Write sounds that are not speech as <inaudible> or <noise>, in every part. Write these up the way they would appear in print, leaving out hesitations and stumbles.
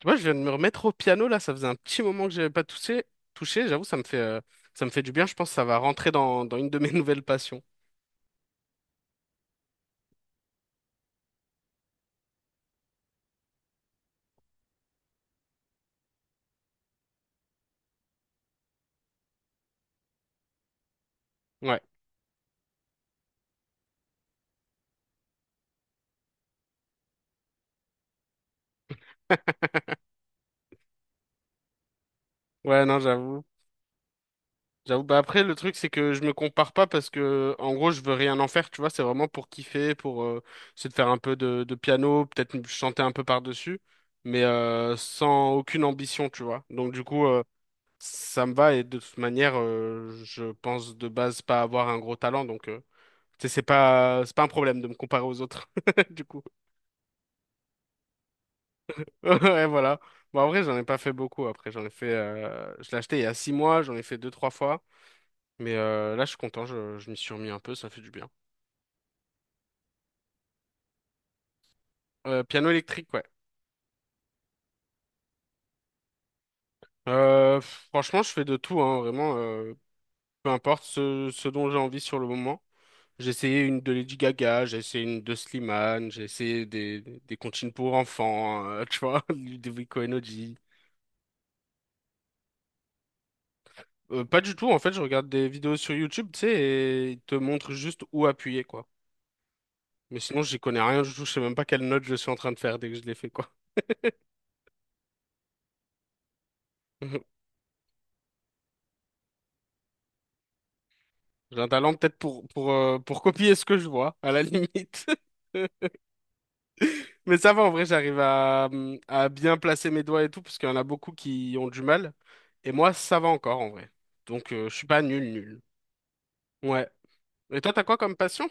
Tu vois, je viens de me remettre au piano là, ça faisait un petit moment que j'avais pas touché, j'avoue, ça me fait du bien, je pense que ça va rentrer dans une de mes <laughs> nouvelles passions. Ouais. Ouais, non, j'avoue. J'avoue. Bah après, le truc, c'est que je me compare pas parce que, en gros, je veux rien en faire, tu vois. C'est vraiment pour kiffer, pour essayer de faire un peu de piano, peut-être chanter un peu par-dessus, mais sans aucune ambition, tu vois. Donc, du coup, ça me va et de toute manière, je pense de base pas avoir un gros talent, donc. Tu sais, c'est pas un problème de me comparer aux autres, <laughs> du coup. <laughs> Ouais, voilà. Bon, en vrai, j'en ai pas fait beaucoup. Après, j'en ai fait, je l'ai acheté il y a six mois, j'en ai fait deux, trois fois. Mais là, je suis content, je m'y suis remis un peu, ça fait du bien. Piano électrique, ouais. Franchement, je fais de tout, hein, vraiment. Peu importe ce dont j'ai envie sur le moment. J'ai essayé une de Lady Gaga, j'ai essayé une de Slimane, j'ai essayé des comptines pour enfants, tu vois, <laughs> des Vico. Pas du tout, en fait, je regarde des vidéos sur YouTube, tu sais, et ils te montrent juste où appuyer, quoi. Mais sinon, j'y connais rien du tout, je sais même pas quelle note je suis en train de faire dès que je l'ai fait, quoi. <laughs> J'ai un talent peut-être pour copier ce que je vois, à la limite. <laughs> Mais ça va, en vrai, j'arrive à bien placer mes doigts et tout, parce qu'il y en a beaucoup qui ont du mal. Et moi, ça va encore, en vrai. Donc, je suis pas nul, nul. Ouais. Et toi, t'as quoi comme passion?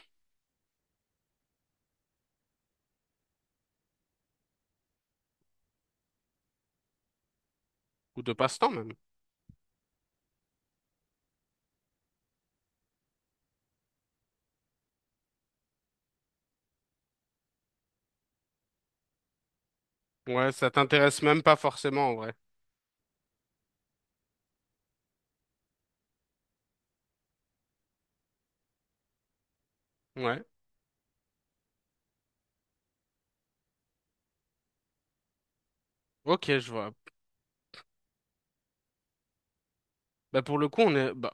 Ou de passe-temps, même? Ouais, ça t'intéresse même pas forcément, en vrai. Ouais. Ok, je vois. Bah pour le coup, on est bah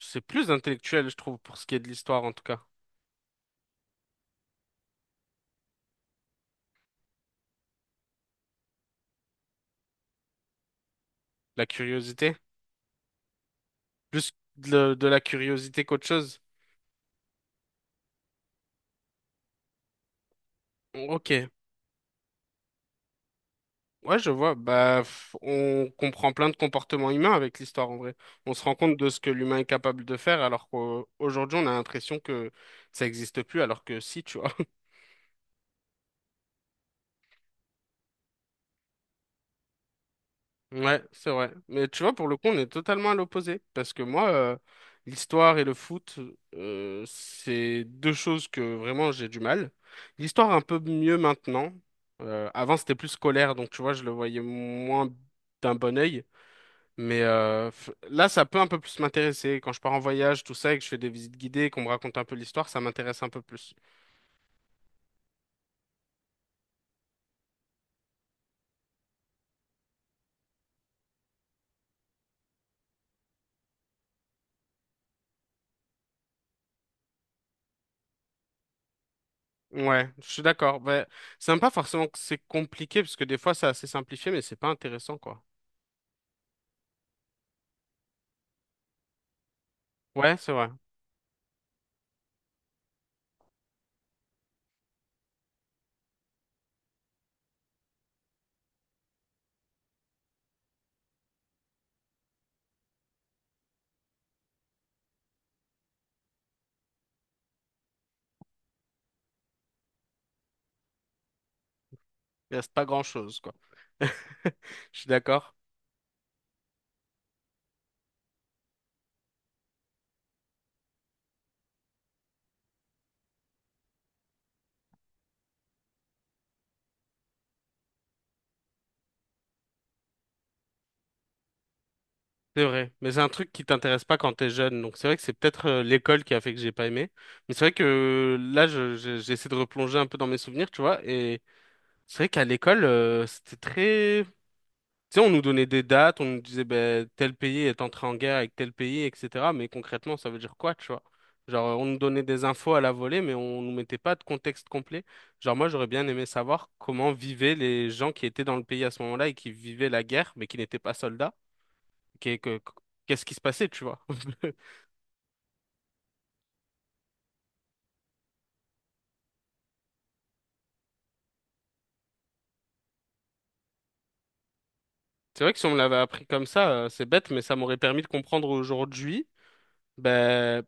c'est plus intellectuel, je trouve, pour ce qui est de l'histoire en tout cas. La curiosité, plus de la curiosité qu'autre chose. Ok, ouais, je vois. On comprend plein de comportements humains avec l'histoire en vrai. On se rend compte de ce que l'humain est capable de faire, alors qu'aujourd'hui on a l'impression que ça n'existe plus, alors que si, tu vois. Ouais, c'est vrai. Mais tu vois, pour le coup, on est totalement à l'opposé. Parce que moi, l'histoire et le foot, c'est deux choses que vraiment j'ai du mal. L'histoire un peu mieux maintenant. Avant, c'était plus scolaire, donc tu vois, je le voyais moins d'un bon œil. Mais là, ça peut un peu plus m'intéresser. Quand je pars en voyage, tout ça, et que je fais des visites guidées, qu'on me raconte un peu l'histoire, ça m'intéresse un peu plus. Ouais, je suis d'accord. Ouais, c'est même pas forcément que c'est compliqué, parce que des fois, c'est assez simplifié, mais c'est pas intéressant, quoi. Ouais, c'est vrai. Il reste pas grand-chose, quoi. <laughs> Je suis d'accord. C'est vrai. Mais c'est un truc qui t'intéresse pas quand t'es jeune. Donc c'est vrai que c'est peut-être l'école qui a fait que j'ai pas aimé. Mais c'est vrai que là, j'essaie de replonger un peu dans mes souvenirs, tu vois. Et c'est vrai qu'à l'école, c'était très... Tu sais, on nous donnait des dates, on nous disait ben, tel pays est entré en guerre avec tel pays, etc. Mais concrètement, ça veut dire quoi, tu vois? Genre, on nous donnait des infos à la volée, mais on nous mettait pas de contexte complet. Genre, moi, j'aurais bien aimé savoir comment vivaient les gens qui étaient dans le pays à ce moment-là et qui vivaient la guerre, mais qui n'étaient pas soldats. Qu'est- que- Qu'est-ce qui se passait, tu vois? <laughs> C'est vrai que si on me l'avait appris comme ça, c'est bête, mais ça m'aurait permis de comprendre aujourd'hui. Ben,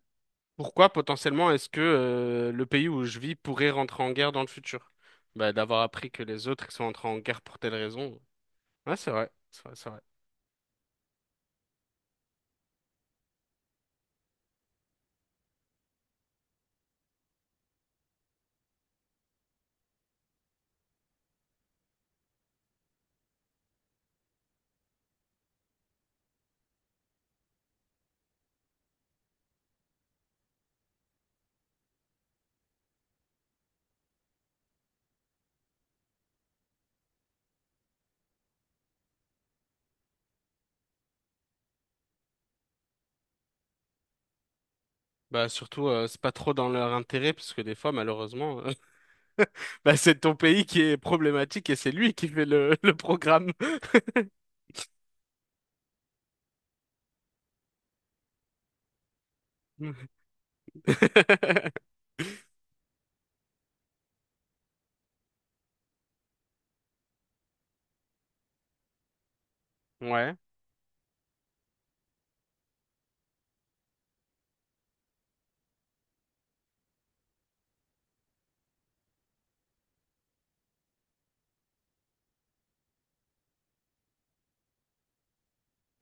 pourquoi potentiellement est-ce que le pays où je vis pourrait rentrer en guerre dans le futur? Bah, d'avoir appris que les autres ils sont entrés en guerre pour telle raison. Ouais, c'est vrai, c'est vrai, c'est vrai. Bah, surtout, c'est pas trop dans leur intérêt, parce que des fois, malheureusement, <laughs> bah, c'est ton pays qui est problématique et c'est lui qui fait le programme. <laughs> Ouais,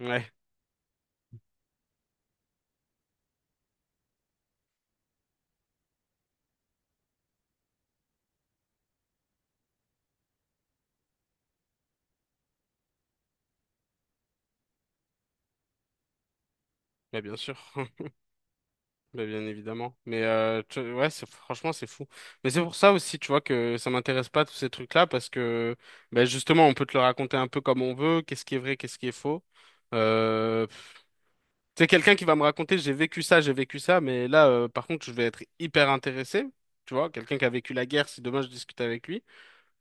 ouais, bah, bien sûr. <laughs> Bah, bien évidemment. Mais ouais, c'est, franchement, c'est fou. Mais c'est pour ça aussi, tu vois, que ça m'intéresse pas tous ces trucs-là, parce que bah, justement, on peut te le raconter un peu comme on veut, qu'est-ce qui est vrai, qu'est-ce qui est faux. Euh, pff, quelqu'un qui va me raconter, j'ai vécu ça, mais là, par contre, je vais être hyper intéressé. Tu vois, quelqu'un qui a vécu la guerre, si demain je discute avec lui,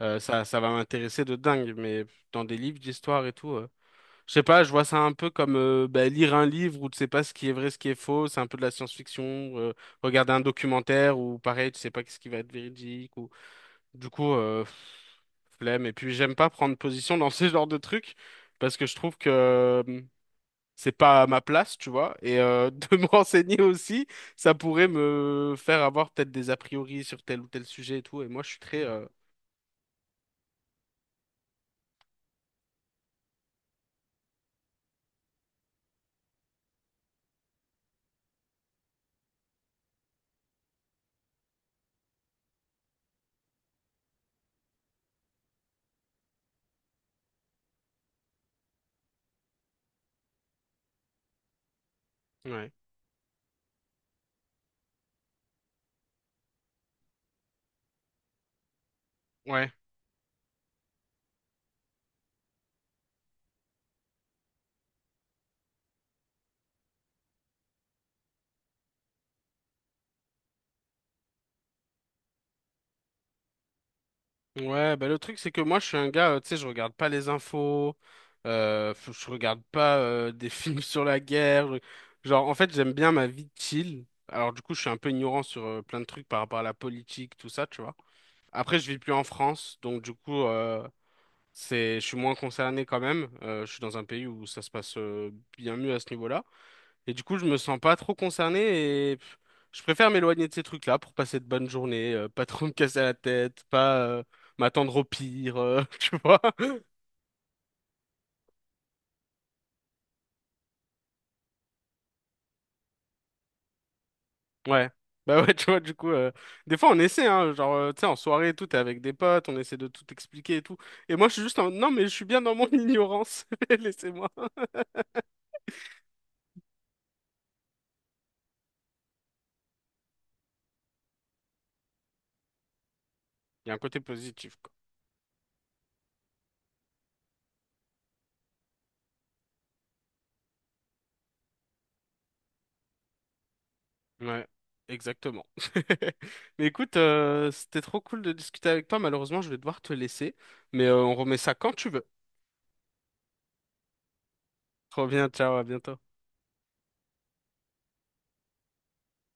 ça, ça va m'intéresser de dingue. Mais dans des livres d'histoire et tout. Je sais pas, je vois ça un peu comme bah, lire un livre où tu sais pas ce qui est vrai, ce qui est faux, c'est un peu de la science-fiction, euh, regarder un documentaire où pareil, tu sais pas ce qui va être véridique ou du coup, flemme et puis j'aime pas prendre position dans <laughs> ce genre de trucs parce que je trouve que c'est pas à ma place, tu vois, et <laughs> de me renseigner aussi, ça pourrait me faire avoir peut-être des a priori sur tel ou tel sujet et tout et moi je suis très ouais. Ouais. Ouais, bah le truc c'est que moi je suis un gars, tu sais, je regarde pas les infos, je regarde pas des <laughs> films sur la guerre. Genre en fait j'aime bien ma vie chill. Alors du coup je suis un peu ignorant sur plein de trucs par rapport à la politique, tout ça, tu vois. Après je vis plus en France, donc du coup c'est, je suis moins concerné quand même. Je suis dans un pays où ça se passe bien mieux à ce niveau-là. Et du coup, je me sens pas trop concerné et je préfère m'éloigner de ces trucs-là pour passer de bonnes journées, pas trop <laughs> me casser la tête, pas m'attendre au pire, <laughs> tu vois. Ouais. Bah ouais, tu vois, du coup, des fois on essaie, hein, genre, tu sais, en soirée et tout, t'es avec des potes, on essaie de tout expliquer et tout. Et moi, je suis juste en, non, mais je suis bien dans mon <laughs> ignorance, <laughs> laissez-moi. Il y a un côté positif, quoi. Ouais, exactement. <laughs> Mais écoute, c'était trop cool de discuter avec toi. Malheureusement, je vais devoir te laisser, mais on remet ça quand tu veux. Trop bien, ciao, à bientôt.